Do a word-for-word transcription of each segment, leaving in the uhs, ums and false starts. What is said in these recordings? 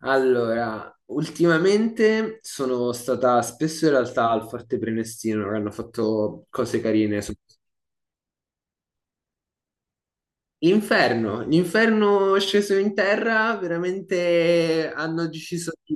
Allora, ultimamente sono stata spesso in realtà al Forte Prenestino, che hanno fatto cose carine. L'inferno, l'inferno è sceso in terra, veramente hanno deciso di...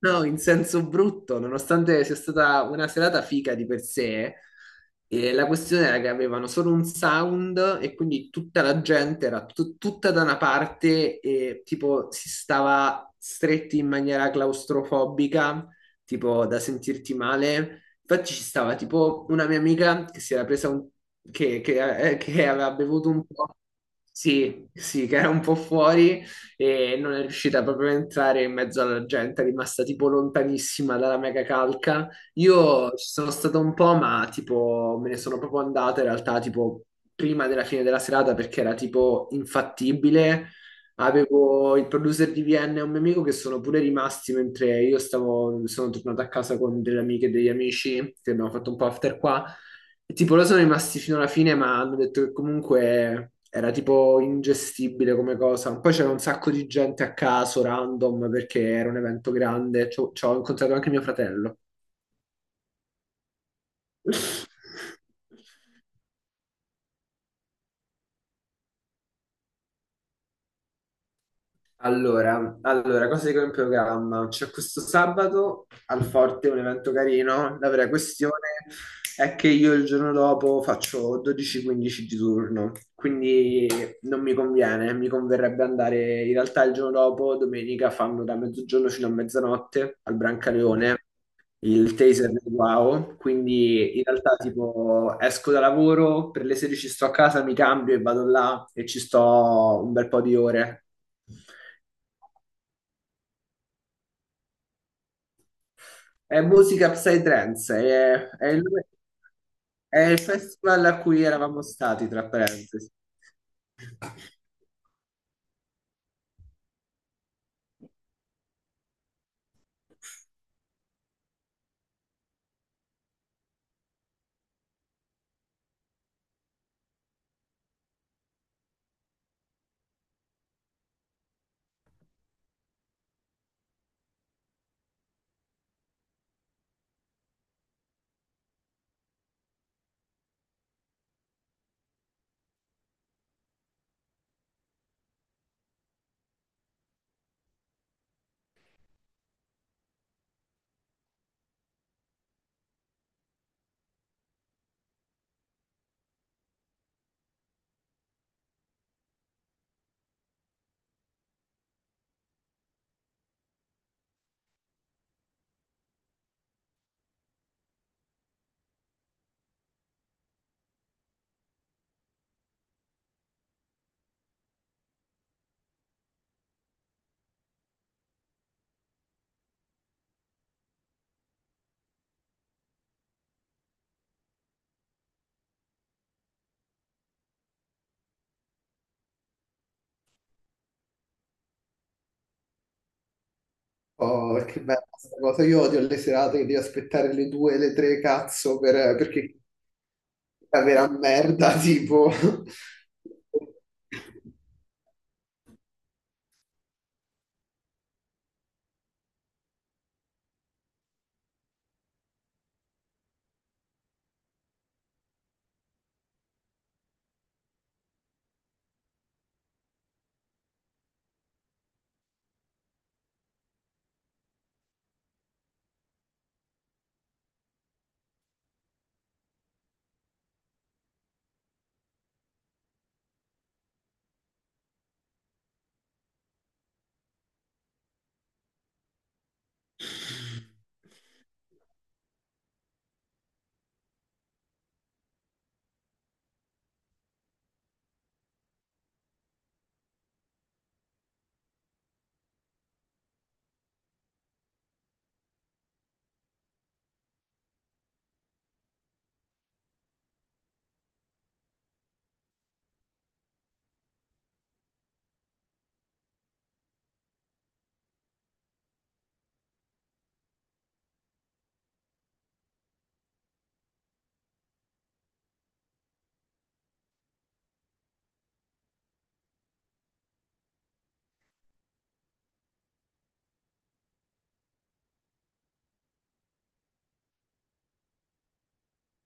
No, in senso brutto, nonostante sia stata una serata figa di per sé, eh, la questione era che avevano solo un sound e quindi tutta la gente era tut- tutta da una parte e tipo si stava stretti in maniera claustrofobica, tipo da sentirti male. Infatti ci stava tipo una mia amica che si era presa un... che, che- eh, che aveva bevuto un po'. Sì, sì, che era un po' fuori e non è riuscita proprio a entrare in mezzo alla gente, è rimasta tipo lontanissima dalla mega calca. Io ci sono stato un po', ma tipo me ne sono proprio andata in realtà tipo prima della fine della serata perché era tipo infattibile. Avevo il producer di Vienna e un mio amico che sono pure rimasti mentre io stavo, sono tornato a casa con delle amiche e degli amici che abbiamo fatto un po' after qua. E tipo loro sono rimasti fino alla fine, ma hanno detto che comunque era tipo ingestibile come cosa. Poi c'era un sacco di gente a caso, random, perché era un evento grande. Ci ho ci ho incontrato anche mio fratello. Allora, allora, cosa dico in programma? C'è questo sabato al Forte un evento carino. La vera questione è che io il giorno dopo faccio dodici quindici di turno, quindi non mi conviene. Mi converrebbe andare in realtà il giorno dopo, domenica, fanno da mezzogiorno fino a mezzanotte al Brancaleone, il taser del Wow. Quindi in realtà, tipo, esco da lavoro, per le sedici sto a casa, mi cambio e vado là e ci sto un bel po' di ore. È musica psytrance, è, è il, è il festival a cui eravamo stati, tra parentesi. Oh, che bella questa cosa. Io odio le serate che devi aspettare le due, le tre, cazzo, per- perché è la vera merda, tipo.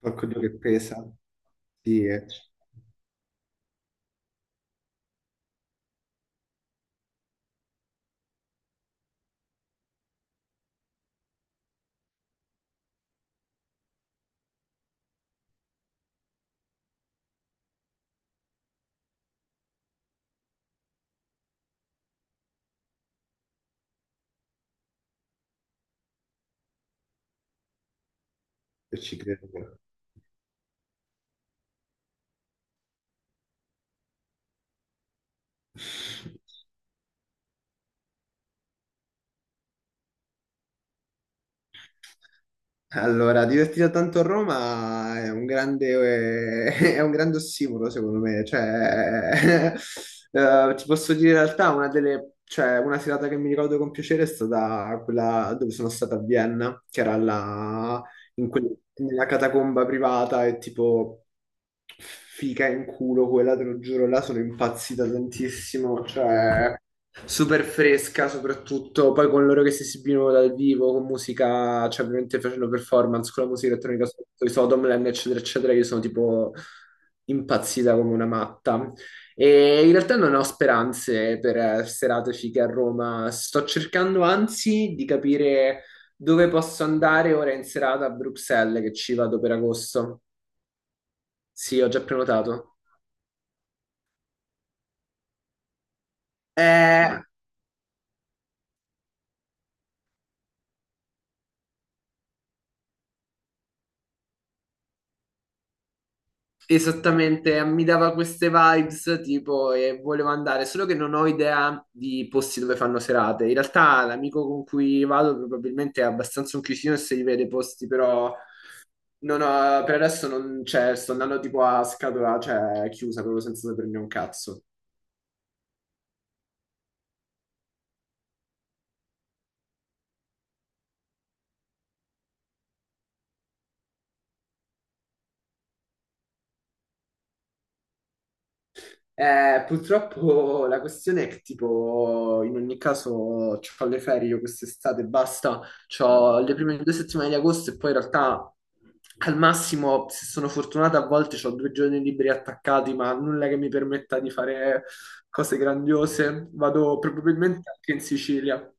Porco Dio che pesa. Sì, eh, e ci credo. Allora, divertito tanto a Roma è un grande, è un grande ossimoro, secondo me. Cioè, eh, ti posso dire in realtà, una delle, cioè, una serata che mi ricordo con piacere è stata quella dove sono stata a Vienna, che era la in quel- nella catacomba privata e tipo fica in culo quella, te lo giuro, là sono impazzita tantissimo, cioè super fresca soprattutto, poi con loro che si esibivano dal vivo, con musica, cioè ovviamente facendo performance con la musica elettronica sotto i Sodomland, eccetera, eccetera, io sono tipo impazzita come una matta. E in realtà non ho speranze per eh, serate fighe a Roma. Sto cercando anzi di capire dove posso andare ora in serata a Bruxelles che ci vado per agosto? Sì, ho già prenotato. Eh, esattamente, mi dava queste vibes tipo e volevo andare, solo che non ho idea di posti dove fanno serate. In realtà l'amico con cui vado probabilmente è abbastanza un chiusino e si rivede i posti, però non ho- per adesso non c'è, sto andando tipo a scatola, cioè chiusa, proprio senza saperne un cazzo. Eh, purtroppo la questione è che tipo in ogni caso ho le ferie io quest'estate, basta, ho le prime due settimane di agosto e poi in realtà al massimo se sono fortunata a volte ho due giorni liberi attaccati ma nulla che mi permetta di fare cose grandiose, vado probabilmente anche in Sicilia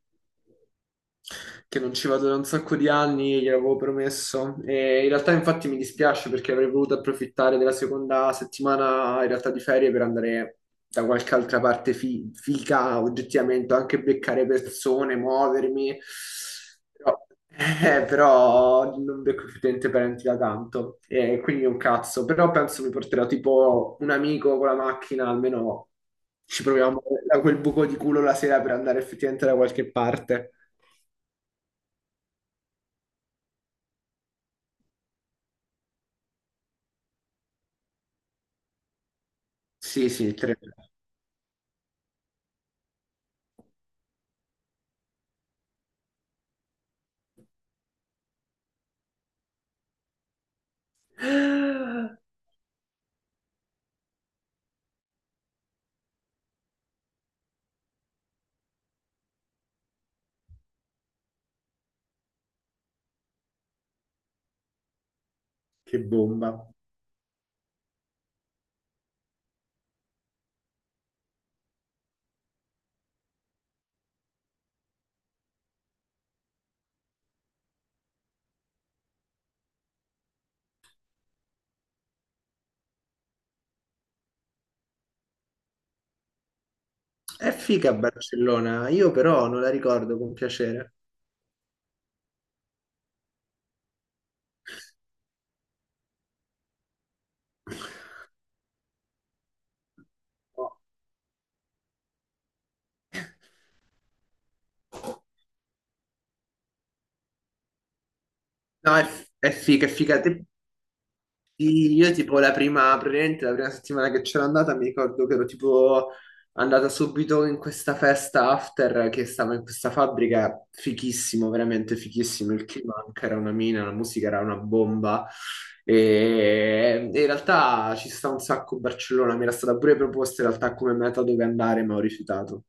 che non ci vado da un sacco di anni, gliel'avevo promesso. E in realtà, infatti, mi dispiace perché avrei voluto approfittare della seconda settimana, in realtà, di ferie per andare da qualche altra parte fi- figa, oggettivamente, anche beccare persone, muovermi. Però, eh, però non becco effettivamente parenti da tanto, e quindi un cazzo. Però penso mi porterò tipo un amico con la macchina, almeno ci proviamo da quel buco di culo la sera per andare effettivamente da qualche parte. Sì, sì, tre. Che bomba. È figa Barcellona, io però non la ricordo con piacere. No, no, è, è figa, è figa. Te- Sì, io tipo la prima, praticamente la prima settimana che c'era andata mi ricordo che ero tipo andata subito in questa festa after che stava in questa fabbrica, fichissimo, veramente fichissimo, il clima anche era una mina, la musica era una bomba e, e in realtà ci sta un sacco Barcellona, mi era stata pure proposta in realtà come meta dove andare ma ho rifiutato.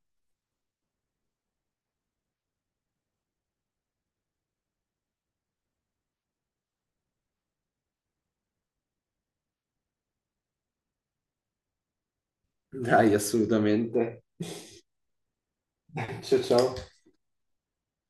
Dai, assolutamente. Ciao ciao.